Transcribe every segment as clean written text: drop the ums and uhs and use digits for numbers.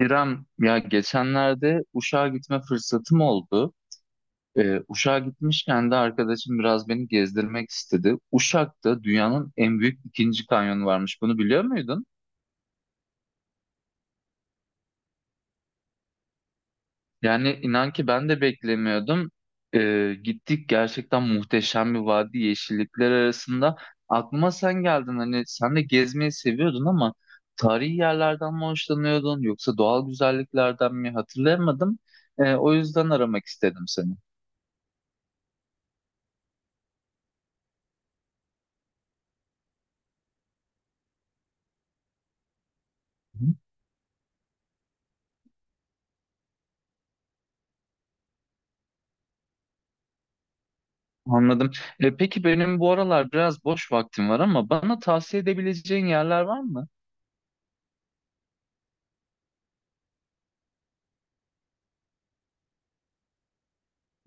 İrem, ya geçenlerde Uşak'a gitme fırsatım oldu. Uşak'a gitmişken de arkadaşım biraz beni gezdirmek istedi. Uşak'ta dünyanın en büyük ikinci kanyonu varmış. Bunu biliyor muydun? Yani inan ki ben de beklemiyordum. Gittik gerçekten muhteşem bir vadi yeşillikler arasında. Aklıma sen geldin hani sen de gezmeyi seviyordun ama tarihi yerlerden mi hoşlanıyordun yoksa doğal güzelliklerden mi hatırlayamadım. O yüzden aramak istedim seni. Anladım. Peki benim bu aralar biraz boş vaktim var ama bana tavsiye edebileceğin yerler var mı?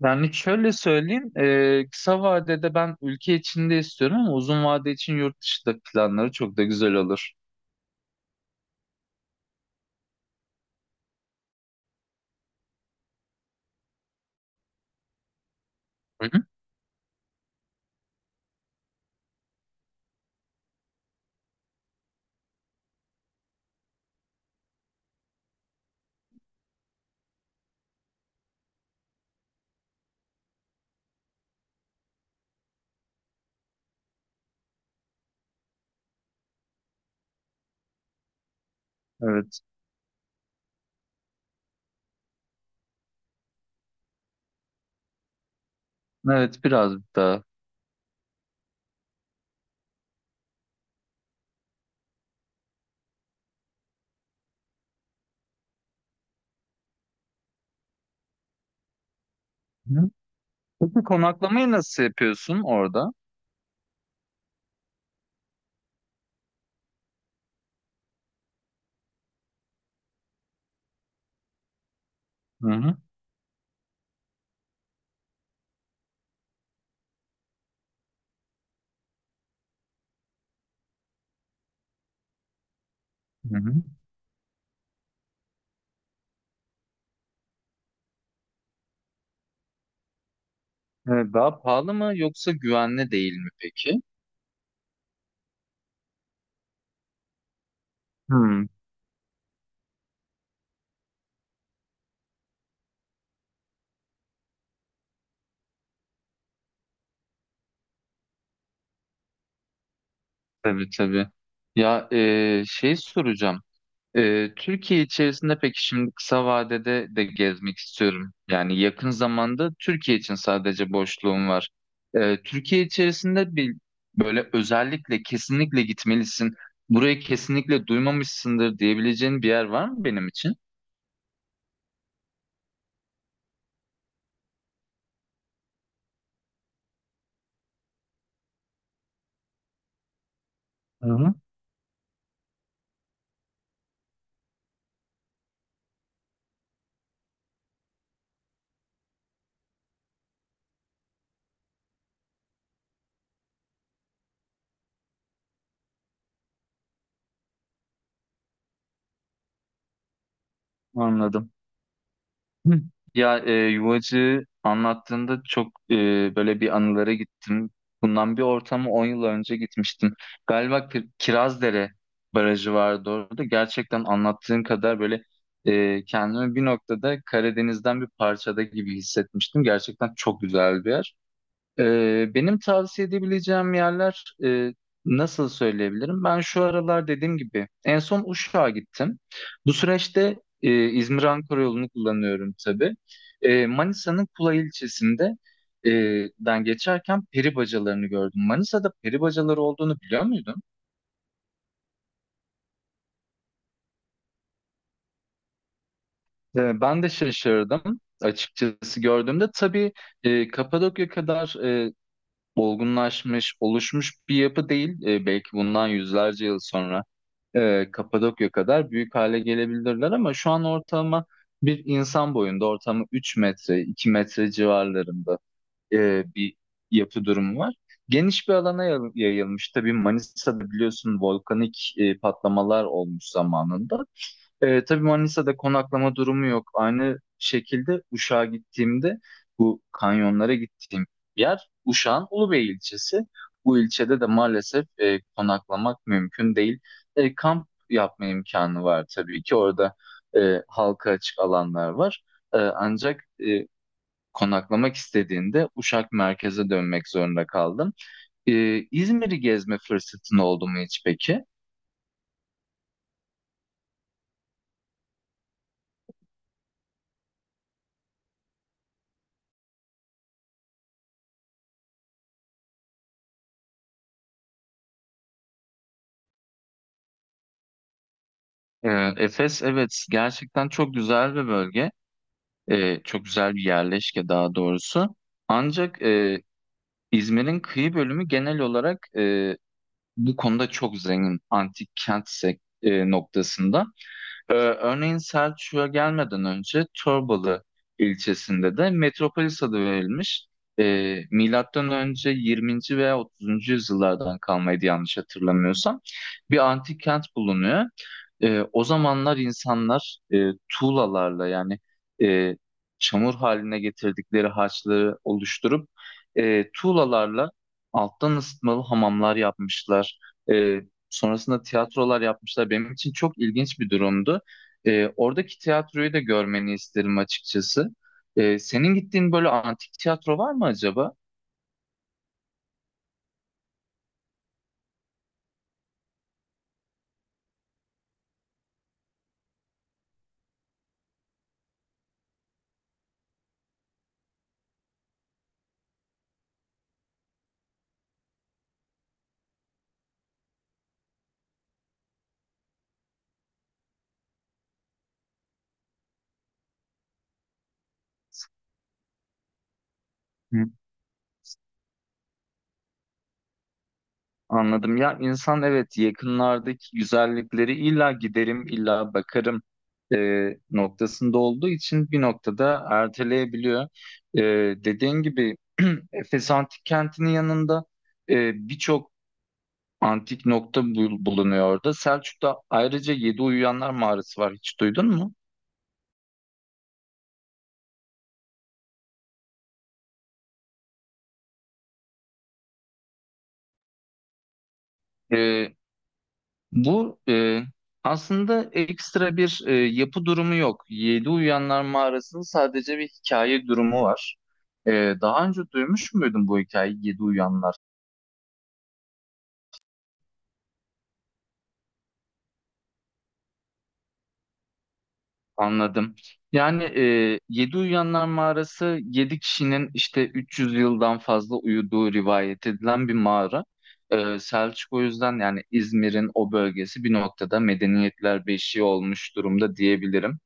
Yani şöyle söyleyeyim, kısa vadede ben ülke içinde istiyorum ama uzun vade için yurt dışında planları çok da güzel olur. Hı hı. Evet, evet biraz daha. Hı hı. Peki konaklamayı nasıl yapıyorsun orada? Hı hı. Hı hı. Evet, daha pahalı mı yoksa güvenli değil mi peki? Hı. Tabii tabii. Ya şey soracağım. Türkiye içerisinde peki şimdi kısa vadede de gezmek istiyorum. Yani yakın zamanda Türkiye için sadece boşluğum var. Türkiye içerisinde bir böyle özellikle kesinlikle gitmelisin. Burayı kesinlikle duymamışsındır diyebileceğin bir yer var mı benim için? Hı hı, anladım. Hı. Ya yuvacı anlattığında çok böyle bir anılara gittim. Bundan bir ortama 10 yıl önce gitmiştim. Galiba Kirazdere Barajı vardı orada. Gerçekten anlattığın kadar böyle kendimi bir noktada Karadeniz'den bir parçada gibi hissetmiştim. Gerçekten çok güzel bir yer. Benim tavsiye edebileceğim yerler nasıl söyleyebilirim? Ben şu aralar dediğim gibi en son Uşak'a gittim. Bu süreçte İzmir-Ankara yolunu kullanıyorum tabii. Manisa'nın Kula ilçesinde e, den geçerken peri bacalarını gördüm. Manisa'da peri bacaları olduğunu biliyor muydun? Ben de şaşırdım açıkçası gördüğümde. Tabii Kapadokya kadar olgunlaşmış, oluşmuş bir yapı değil. E, belki bundan yüzlerce yıl sonra. Kapadokya kadar büyük hale gelebilirler ama şu an ortalama bir insan boyunda ortalama 3 metre 2 metre civarlarında bir yapı durumu var. Geniş bir alana yayılmış. Tabii Manisa'da biliyorsun volkanik patlamalar olmuş zamanında. Tabii Manisa'da konaklama durumu yok. Aynı şekilde Uşak'a gittiğimde bu kanyonlara gittiğim yer Uşak'ın Ulubey ilçesi. Bu ilçede de maalesef konaklamak mümkün değil. Kamp yapma imkanı var tabii ki. Orada halka açık alanlar var. Ancak konaklamak istediğinde Uşak merkeze dönmek zorunda kaldım. E, İzmir'i gezme fırsatın oldu mu hiç peki? Efes evet gerçekten çok güzel bir bölge. Çok güzel bir yerleşke daha doğrusu. Ancak İzmir'in kıyı bölümü genel olarak bu konuda çok zengin antik kent noktasında. Örneğin Selçuk'a gelmeden önce Torbalı ilçesinde de Metropolis adı verilmiş. Milattan önce 20. veya 30. yüzyıllardan kalmaydı yanlış hatırlamıyorsam. Bir antik kent bulunuyor. O zamanlar insanlar tuğlalarla yani e, çamur haline getirdikleri harçları oluşturup tuğlalarla alttan ısıtmalı hamamlar yapmışlar. E, Sonrasında tiyatrolar yapmışlar. Benim için çok ilginç bir durumdu. Oradaki tiyatroyu da görmeni isterim açıkçası. Senin gittiğin böyle antik tiyatro var mı acaba? Hı. Anladım. Ya insan evet yakınlardaki güzellikleri illa giderim, illa bakarım noktasında olduğu için bir noktada erteleyebiliyor. E, Dediğin gibi Efes Antik Kenti'nin yanında birçok antik nokta bulunuyor orada. Selçuk'ta ayrıca Yedi Uyuyanlar Mağarası var. Hiç duydun mu? Bu aslında ekstra bir yapı durumu yok. Yedi Uyanlar Mağarası'nın sadece bir hikaye durumu var. Daha önce duymuş muydun bu hikayeyi Yedi Uyanlar? Anladım. Yani Yedi Uyanlar Mağarası yedi kişinin işte 300 yıldan fazla uyuduğu rivayet edilen bir mağara. Selçuk o yüzden yani İzmir'in o bölgesi bir noktada medeniyetler beşiği olmuş durumda diyebilirim.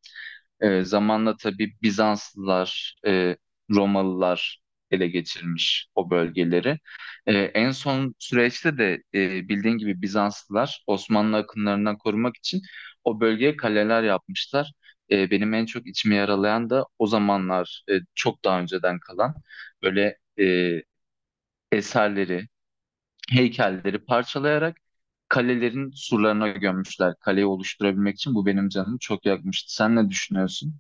Zamanla tabii Bizanslılar, Romalılar ele geçirmiş o bölgeleri. En son süreçte de bildiğin gibi Bizanslılar Osmanlı akınlarından korumak için o bölgeye kaleler yapmışlar. Benim en çok içimi yaralayan da o zamanlar çok daha önceden kalan böyle eserleri, heykelleri parçalayarak kalelerin surlarına gömmüşler. Kaleyi oluşturabilmek için bu benim canımı çok yakmıştı. Sen ne düşünüyorsun?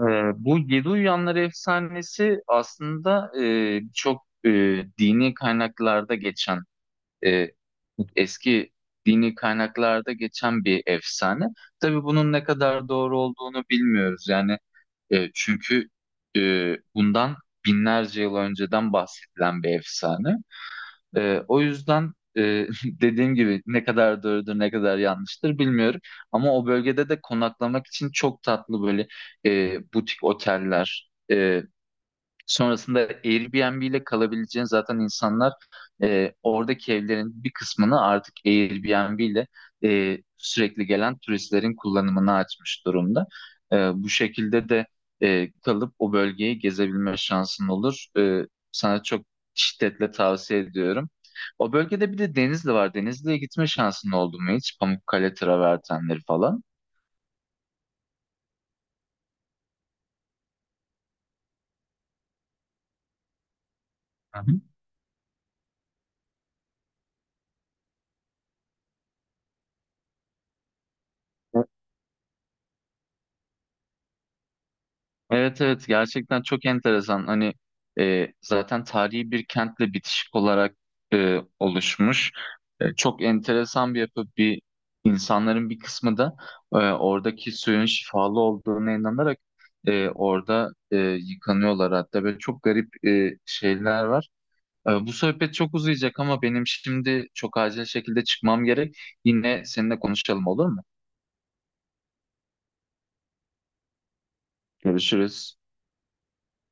Bu Yedi Uyanlar efsanesi aslında dini kaynaklarda geçen e, eski dini kaynaklarda geçen bir efsane. Tabii bunun ne kadar doğru olduğunu bilmiyoruz. Yani çünkü bundan binlerce yıl önceden bahsedilen bir efsane. O yüzden dediğim gibi ne kadar doğrudur ne kadar yanlıştır bilmiyorum. Ama o bölgede de konaklamak için çok tatlı böyle butik oteller, sonrasında Airbnb ile kalabileceğin zaten insanlar oradaki evlerin bir kısmını artık Airbnb ile sürekli gelen turistlerin kullanımına açmış durumda. Bu şekilde de kalıp o bölgeyi gezebilme şansın olur. Sana çok şiddetle tavsiye ediyorum. O bölgede bir de Denizli var. Denizli'ye gitme şansın oldu mu hiç? Pamukkale travertenleri falan. Hı hı. Evet evet gerçekten çok enteresan. Hani zaten tarihi bir kentle bitişik olarak oluşmuş. Çok enteresan bir yapı. Bir insanların bir kısmı da oradaki suyun şifalı olduğuna inanarak orada yıkanıyorlar hatta böyle çok garip şeyler var. Bu sohbet çok uzayacak ama benim şimdi çok acil şekilde çıkmam gerek. Yine seninle konuşalım olur mu? Görüşürüz.